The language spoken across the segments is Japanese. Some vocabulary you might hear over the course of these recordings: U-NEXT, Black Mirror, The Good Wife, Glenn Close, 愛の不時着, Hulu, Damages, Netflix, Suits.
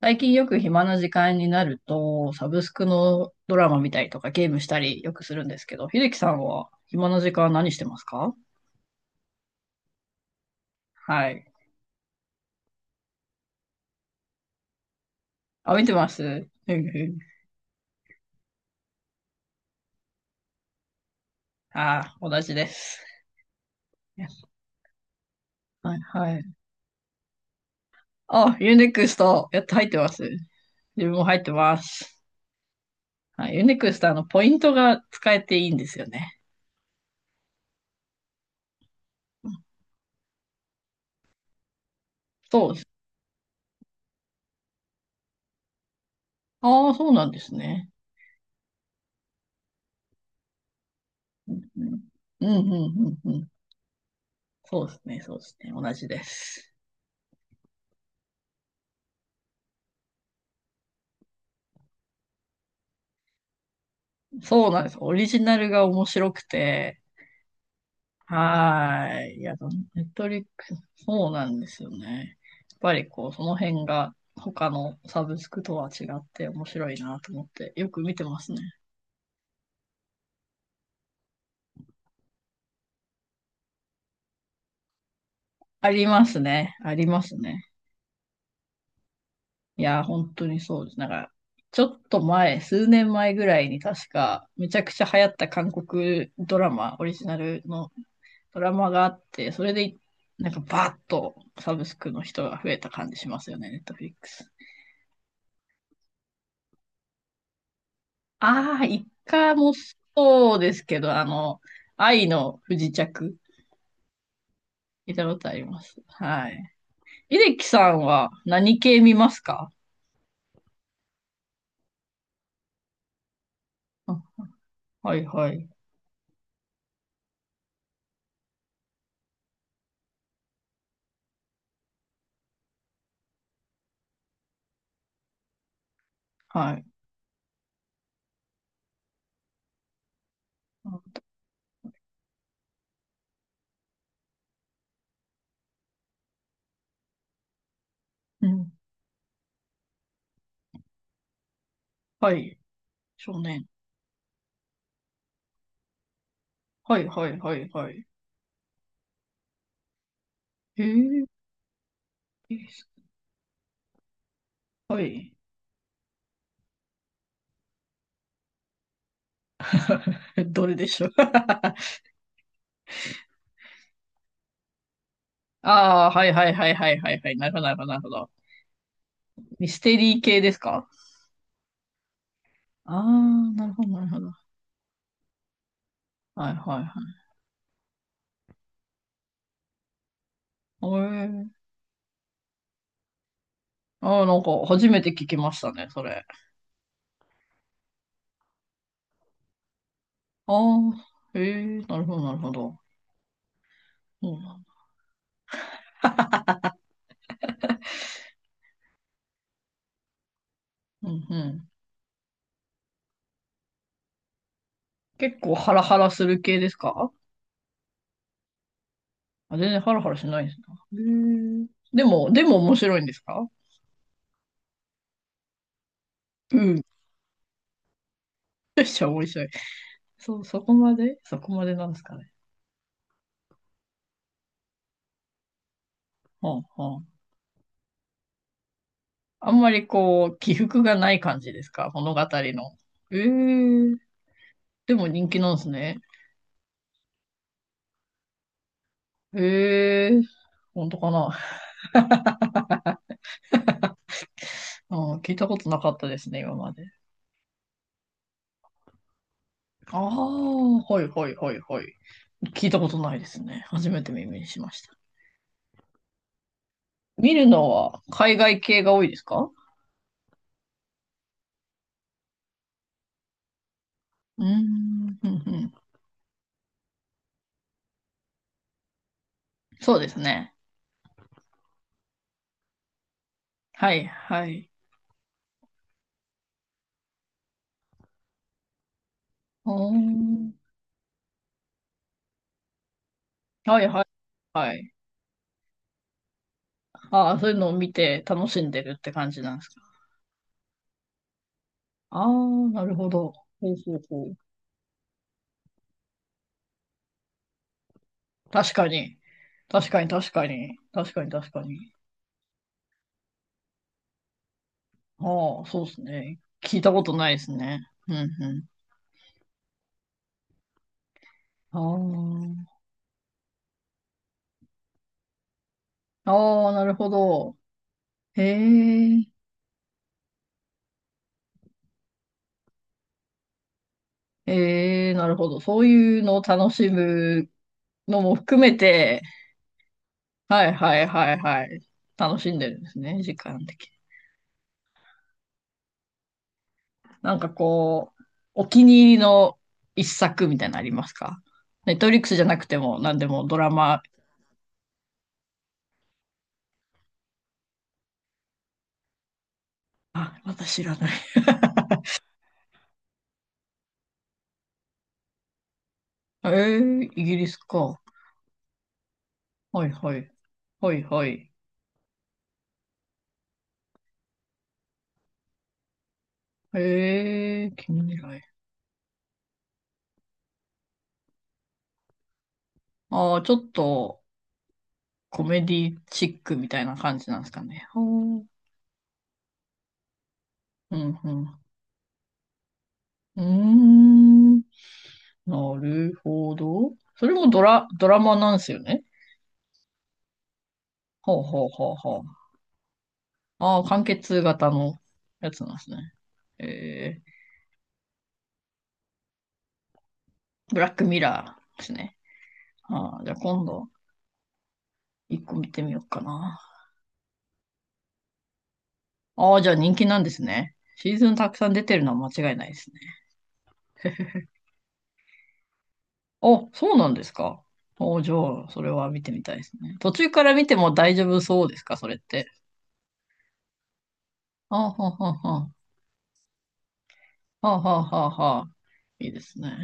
最近よく暇な時間になると、サブスクのドラマ見たりとかゲームしたりよくするんですけど、秀樹さんは暇な時間何してますか？はい。あ、見てます？ふんふん。あー、同じです。はい、はい。あ、ユーネクスト、やっと入ってます。自分も入ってます。はい、ユーネクスト、ポイントが使えていいんですよね。そうです。ああ、そうなんですね。うん、うん、うん、うん。うん、そうですね、そうですね。同じです。そうなんです。オリジナルが面白くて、はーい。いや、ネットリックス、そうなんですよね。やっぱりこう、その辺が他のサブスクとは違って面白いなと思って、よく見てますね。ありますね。ありますね。いや、本当にそうです。なんか、ちょっと前、数年前ぐらいに確か、めちゃくちゃ流行った韓国ドラマ、オリジナルのドラマがあって、それで、なんかバーッとサブスクの人が増えた感じしますよね、ネットフリックス。ああ、一回も。そうですけど、愛の不時着、見たことあります。はい。秀樹さんは何系見ますか？あ、はいはい。はい。うん。はい。少年。はいはいはいはい。えー、いいっす。はい。どれでしょう？ ああ、はいはいはいはいはいはい。なるほどなるほどなるほど。ミステリー系ですか？ああー、なるほどなるほど。はいはいはい。えー、ああ、なんか初めて聞きましたね、それ。ああ、へえ、なるほど、なるほど。そうなんだ。うん、うん。結構ハラハラする系ですか？あ、全然ハラハラしないですね。へえ、でも、でも面白いんですか？うん。めっちゃ面白い。そう、そこまでそこまでなんですかね。はあ、はあ。あんまりこう、起伏がない感じですか、物語の。ええ、でも人気なんですね。ええ、本当かな。うん、聞いたことなかったですね、今まで。ああ、はいはいはいはい。聞いたことないですね。初めて耳にしました。見るのは海外系が多いですか？うーん、うん、うん。そうですね。はい、はい。おー、はい、はい、はい。ああ、そういうのを見て楽しんでるって感じなんですか。ああ、なるほど。ほうほうほう。確かに。確かに、確かに。確かに、確かに。ああ、そうですね。聞いたことないですね。うん、うん。ああ、ああ、なるほど。へえ。ええ、なるほど。そういうのを楽しむのも含めて、はいはいはいはい。楽しんでるんですね、時間的に。なんかこう、お気に入りの一作みたいなのありますか？ネットフリックスじゃなくても何でもドラマ、あ、私知らない。ええ、イギリスか。はいはい。はいはい。ええ、近未来。ああ、ちょっとコメディチックみたいな感じなんですかね。ほう、うんうん。うーん。なるほど。それもドラマなんですよね。ほうほうほうほう。ああ、完結型のやつなんですね。えー、ブラックミラーですね。ああ、じゃあ今度、一個見てみようかな。ああ、じゃあ人気なんですね。シーズンたくさん出てるのは間違いないですね。あ、そうなんですか。お、じゃあ、それは見てみたいですね。途中から見ても大丈夫そうですか、それって。ああ、はあはあはあ。はあはあはあはあ。いいですね。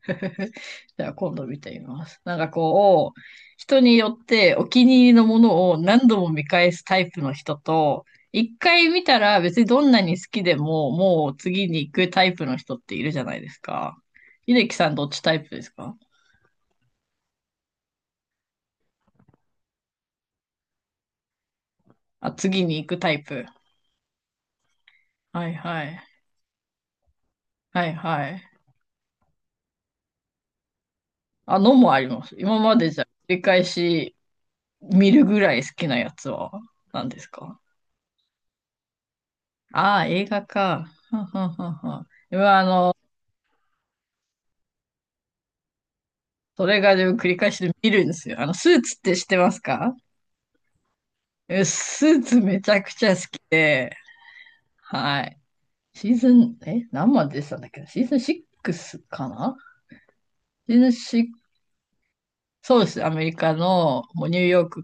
じゃあ今度見てみます。なんかこう、人によってお気に入りのものを何度も見返すタイプの人と、一回見たら別にどんなに好きでももう次に行くタイプの人っているじゃないですか。秀樹さんどっちタイプですか？あ、次に行くタイプ。はいはい。はいはい。あのもあります。今までじゃ繰り返し見るぐらい好きなやつは何ですか？ああー、映画か。はんはんはんはん。今それがでも繰り返しで見るんですよ。スーツって知ってますか？え、スーツめちゃくちゃ好きで、はい。シーズン、え、何まで出てたんだっけな、シーズン6かな。シーズンシックス。そうです。アメリカの、もうニューヨーク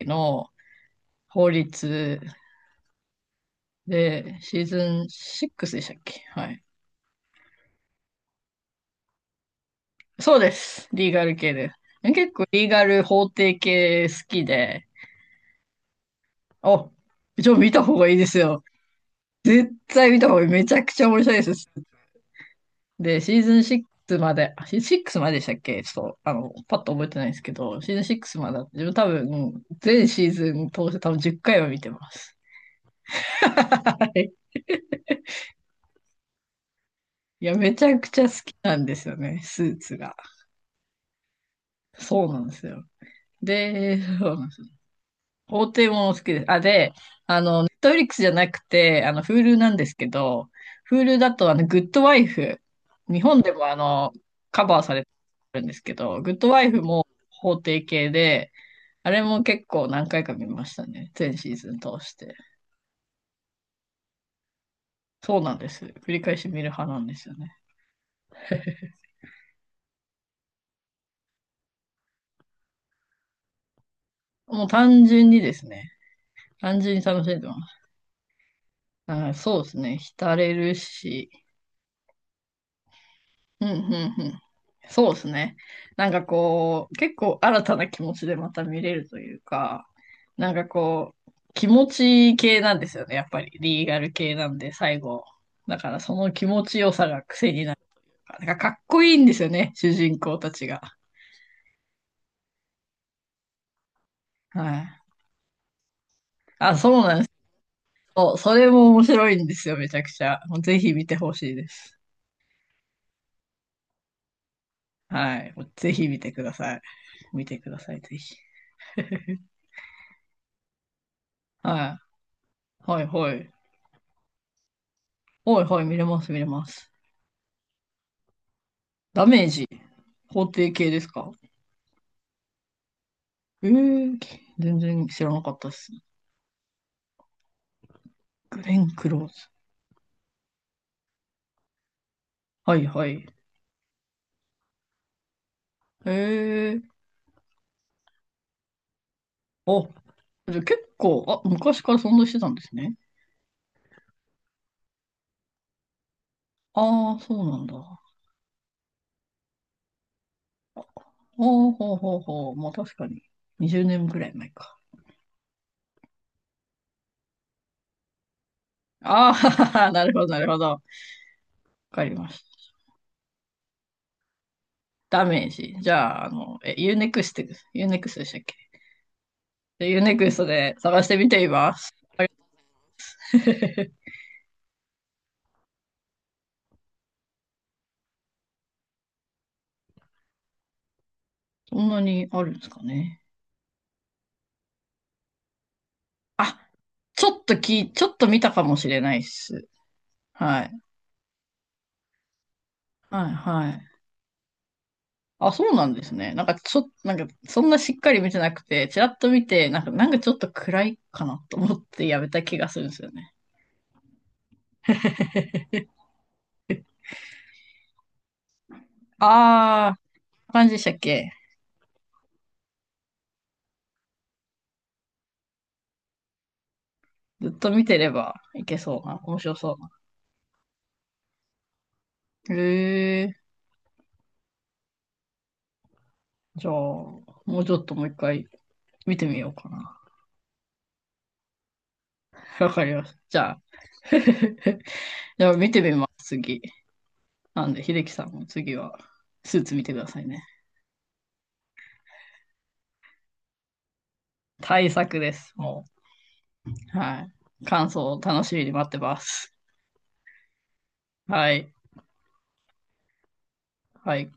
の法律で、シーズン6でしたっけ？はい。そうです。リーガル系で。え、結構リーガル法廷系好きで、お、ちょ、見た方がいいですよ。絶対見た方がいい。めちゃくちゃ面白いです。で、シーズン6まで、シーズン6まででしたっけ、ちょっと、パッと覚えてないんですけど、シーズン6までスまで自分多分、全シーズン通して多分10回は見てます。はい。いや、めちゃくちゃ好きなんですよね、スーツが。そうなんですよ。で、そうなんですよ。法廷もの好きです。あ、で、ネットフリックスじゃなくて、Hulu なんですけど、Hulu だと、グッドワイフ、日本でもカバーされてるんですけど、グッドワイフも法廷系で、あれも結構何回か見ましたね。全シーズン通して。そうなんです。繰り返し見る派なんですよね。もう単純にですね。単純に楽しんでます。あ、そうですね。浸れるし。うん、うん、うん。そうですね。なんかこう、結構新たな気持ちでまた見れるというか、なんかこう、気持ち系なんですよね。やっぱりリーガル系なんで、最後。だからその気持ちよさが癖になる。なんかかっこいいんですよね。主人公たちが。はい。あ、そうなんです。そう、それも面白いんですよ、めちゃくちゃ。もうぜひ見てほしいです。はい。もうぜひ見てください。見てください、ぜひ。はい。はい、はい。はい、はい、見れます、見れます。ダメージ、法定系ですか？えー、全然知らなかったです。グレン・クローズ。はい、はい。えー、あ、じゃあ結構、あ、昔からそんなしてたんですね。ああ、そうなんだ。ほうほうほうほう。まあ確かに。20年ぐらい前か。ああ、なるほど、なるほど。かりました。ダメージ。じゃあ、え、Unext、u ネ、 e、 x、 t でしたっけ？でユーネクストで探してみています。あれ、 そんなにあるんですかね。あ、ちょっとき、ちょっと見たかもしれないっす。はい。はい、はい。あ、そうなんですね。なんかちょ、なんかそんなしっかり見てなくて、ちらっと見て、なんか、なんかちょっと暗いかなと思ってやめた気がするんですよね。あー、感じでしたっけ？ずっと見てればいけそうな、面白そうな。へー。じゃあ、もうちょっともう一回見てみようかな。わかりました。じゃあ、じゃあ見てみます、次。なんで、秀樹さんも次はスーツ見てくださいね。大作です、もう。はい。感想を楽しみに待ってます。はい。はい。